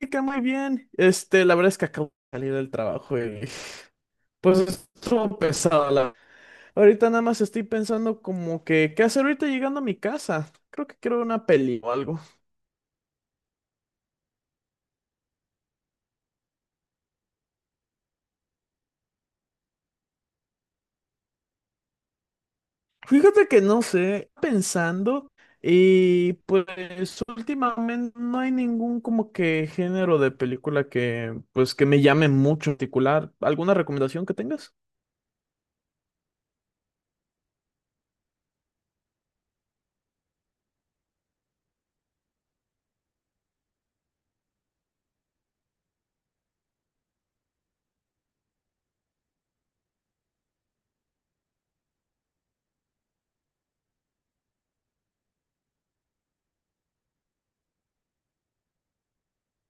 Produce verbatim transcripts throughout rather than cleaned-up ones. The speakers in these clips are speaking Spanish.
Chica, muy bien. Este, la verdad es que acabo de salir del trabajo y pues estuvo pesado. La... Ahorita nada más estoy pensando como que, ¿qué hacer ahorita llegando a mi casa? Creo que quiero ver una peli o algo. Fíjate que no sé, pensando y pues últimamente no hay ningún como que género de película que pues que me llame mucho en particular. ¿Alguna recomendación que tengas?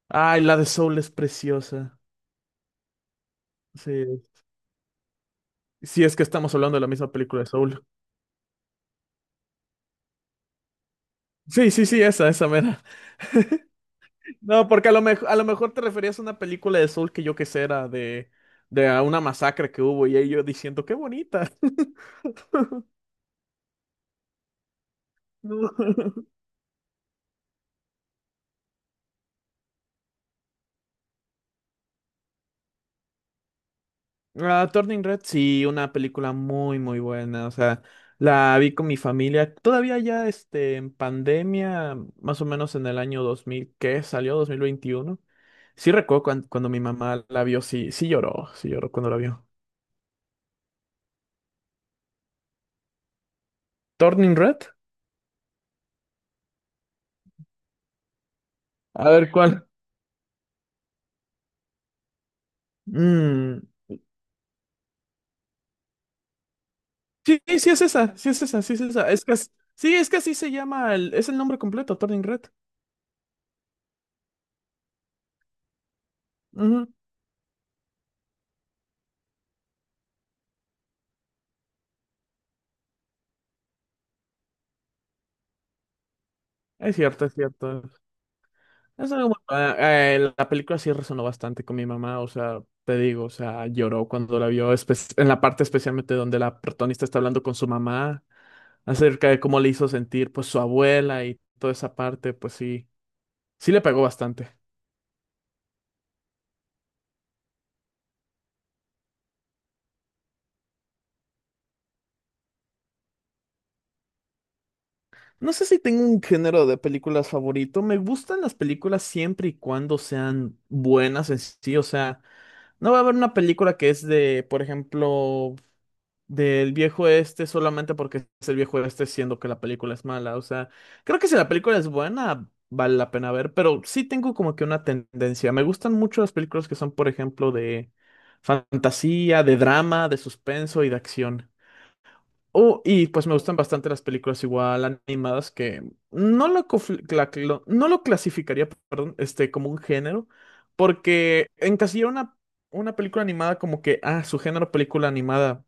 Ay, la de Soul es preciosa. Sí, sí es que estamos hablando de la misma película de Soul. Sí, sí, sí, esa, esa mera. No, porque a lo mejor, a lo mejor te referías a una película de Soul que yo que sé era de, de a una masacre que hubo y ellos diciendo, qué bonita. No. Ah, Turning Red, sí, una película muy, muy buena. O sea, la vi con mi familia. Todavía ya este, en pandemia, más o menos en el año dos mil, ¿qué salió? Dos mil veintiuno. Sí recuerdo cuan- cuando mi mamá la vio, sí, sí lloró, sí lloró cuando la vio. Turning Red, a ver cuál. Mm. Sí, sí es esa, sí es esa, sí es esa. Es que, as- sí, es que así se llama, el, es el nombre completo, Turning Red. Ujú. Es cierto, es cierto. Es algo muy- ah, eh, eh, la película sí resonó bastante con mi mamá, o sea, te digo, o sea, lloró cuando la vio, espe- en la parte especialmente donde la protagonista está hablando con su mamá acerca de cómo le hizo sentir, pues, su abuela y toda esa parte, pues sí, sí le pegó bastante. No sé si tengo un género de películas favorito. Me gustan las películas siempre y cuando sean buenas en sí. O sea, no va a haber una película que es de, por ejemplo, del viejo este solamente porque es el viejo este siendo que la película es mala. O sea, creo que si la película es buena, vale la pena ver. Pero sí tengo como que una tendencia. Me gustan mucho las películas que son, por ejemplo, de fantasía, de drama, de suspenso y de acción. Oh, y pues me gustan bastante las películas igual animadas que no lo, cofl- cla- clo- no lo clasificaría, perdón, este, como un género, porque encasillar una, una película animada como que, ah, su género película animada,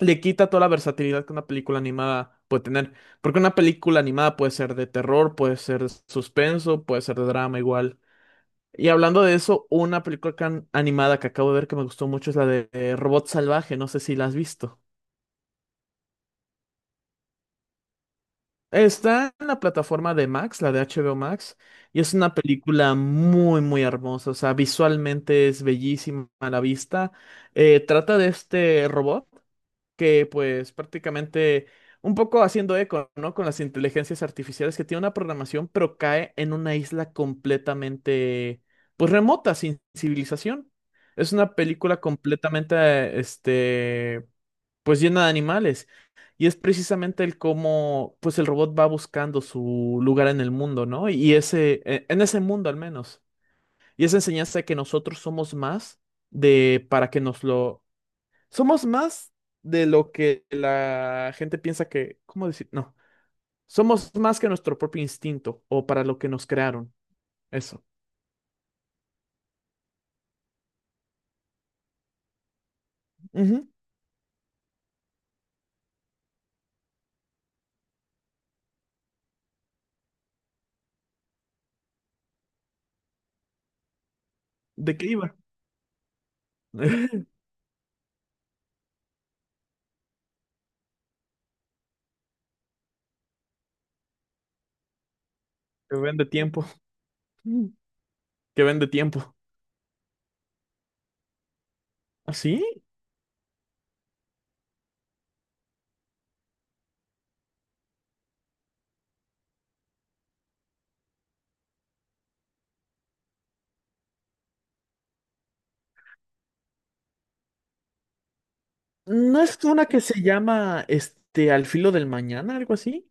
le quita toda la versatilidad que una película animada puede tener, porque una película animada puede ser de terror, puede ser de suspenso, puede ser de drama igual. Y hablando de eso, una película can- animada que acabo de ver que me gustó mucho es la de eh, Robot Salvaje, no sé si la has visto. Está en la plataforma de Max, la de H B O Max, y es una película muy, muy hermosa. O sea, visualmente es bellísima a la vista. Eh, trata de este robot que, pues, prácticamente un poco haciendo eco, ¿no? Con las inteligencias artificiales que tiene una programación, pero cae en una isla completamente, pues, remota, sin civilización. Es una película completamente, este, pues llena de animales. Y es precisamente el cómo, pues el robot va buscando su lugar en el mundo, ¿no? Y ese, e- en ese mundo al menos. Y esa enseñanza de que nosotros somos más de, para que nos lo, somos más de lo que la gente piensa que, ¿cómo decir? No, somos más que nuestro propio instinto o para lo que nos crearon. Eso. Ujú. ¿De qué iba? Que vende tiempo. Que vende tiempo. ¿Así? ¿No es una que se llama este Al filo del mañana, algo así?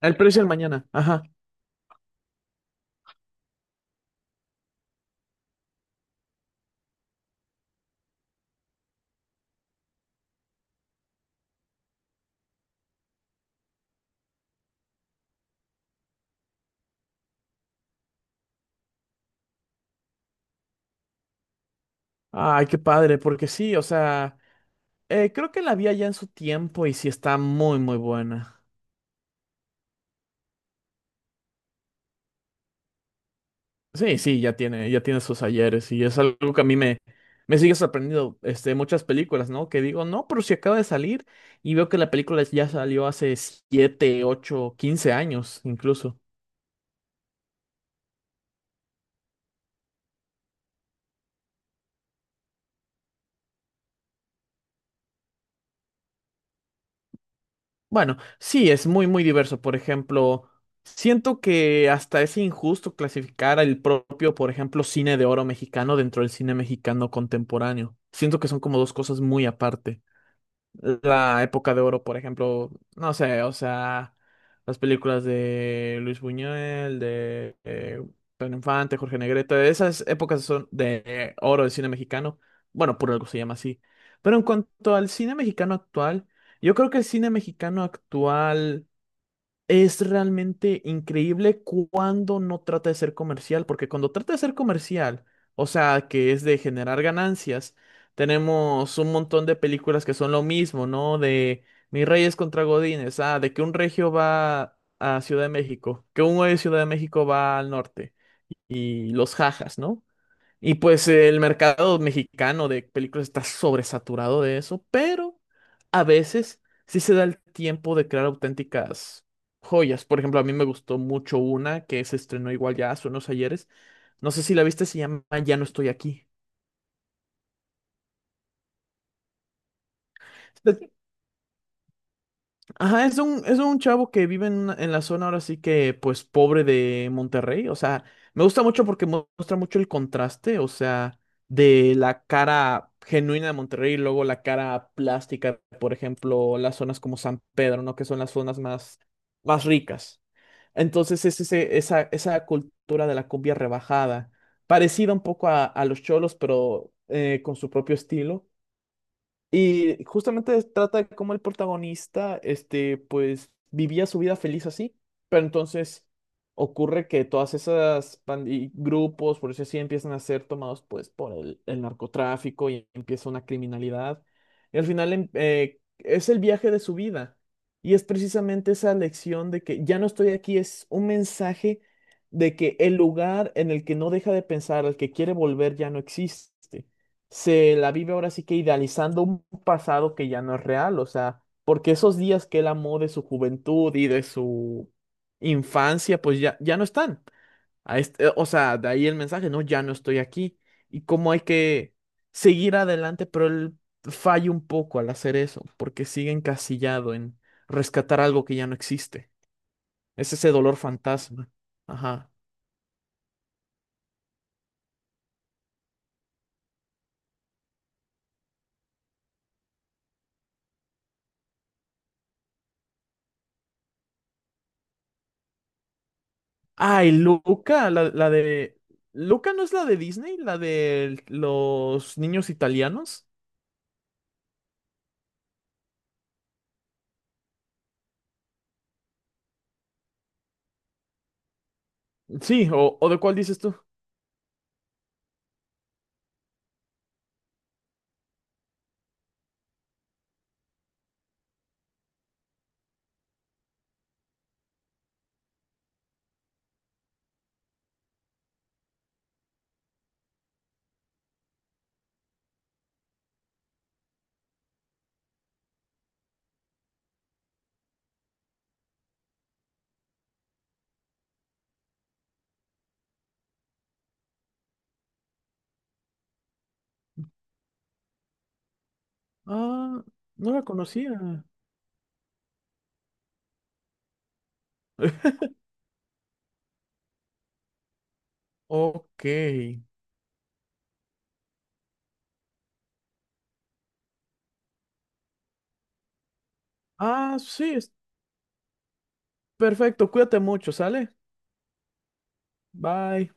El precio del mañana, ajá. Ay, qué padre, porque sí, o sea, eh, creo que la vi allá en su tiempo y sí está muy, muy buena. Sí, sí, ya tiene, ya tiene sus ayeres y es algo que a mí me, me sigue sorprendiendo, este, muchas películas, ¿no? Que digo, no, pero si acaba de salir y veo que la película ya salió hace siete, ocho, quince años incluso. Bueno, sí, es muy, muy diverso. Por ejemplo, siento que hasta es injusto clasificar al propio, por ejemplo, cine de oro mexicano dentro del cine mexicano contemporáneo. Siento que son como dos cosas muy aparte la época de oro, por ejemplo, no sé, o sea, las películas de Luis Buñuel, de eh, Pedro Infante, Jorge Negrete, esas épocas son de oro del cine mexicano, bueno, por algo se llama así. Pero en cuanto al cine mexicano actual, yo creo que el cine mexicano actual es realmente increíble cuando no trata de ser comercial, porque cuando trata de ser comercial, o sea, que es de generar ganancias, tenemos un montón de películas que son lo mismo, ¿no? De Mis Reyes contra Godines, ah, de que un regio va a Ciudad de México, que un güey de Ciudad de México va al norte, y los jajas, ¿no? Y pues el mercado mexicano de películas está sobresaturado de eso, pero a veces sí se da el tiempo de crear auténticas joyas. Por ejemplo, a mí me gustó mucho una que se estrenó igual ya hace unos ayeres. No sé si la viste, se llama Ya no estoy aquí. Ajá, es un, es un chavo que vive en, una- en la zona ahora sí que, pues, pobre de Monterrey. O sea, me gusta mucho porque mu- muestra mucho el contraste, o sea, de la cara genuina de Monterrey y luego la cara plástica, por ejemplo, las zonas como San Pedro, ¿no? Que son las zonas más, más ricas. Entonces es ese, esa, esa cultura de la cumbia rebajada, parecida un poco a, a los cholos, pero eh, con su propio estilo. Y justamente trata de cómo el protagonista, este, pues vivía su vida feliz así, pero entonces ocurre que todas esas band y grupos, por eso así, empiezan a ser tomados pues por el, el narcotráfico y empieza una criminalidad. Y al final em- eh, es el viaje de su vida y es precisamente esa lección de que ya no estoy aquí, es un mensaje de que el lugar en el que no deja de pensar, al que quiere volver, ya no existe. Se la vive ahora sí que idealizando un pasado que ya no es real, o sea, porque esos días que él amó de su juventud y de su infancia, pues ya, ya no están. A este- o sea, de ahí el mensaje, no, ya no estoy aquí. Y cómo hay que seguir adelante, pero él falla un poco al hacer eso, porque sigue encasillado en rescatar algo que ya no existe. Es ese dolor fantasma. Ajá. Ay, Luca, la, la de... ¿Luca no es la de Disney? ¿La de los niños italianos? Sí, ¿o, o de cuál dices tú? Ah, no la conocía. Ok. Ah, sí, es- perfecto. Cuídate mucho, ¿sale? Bye.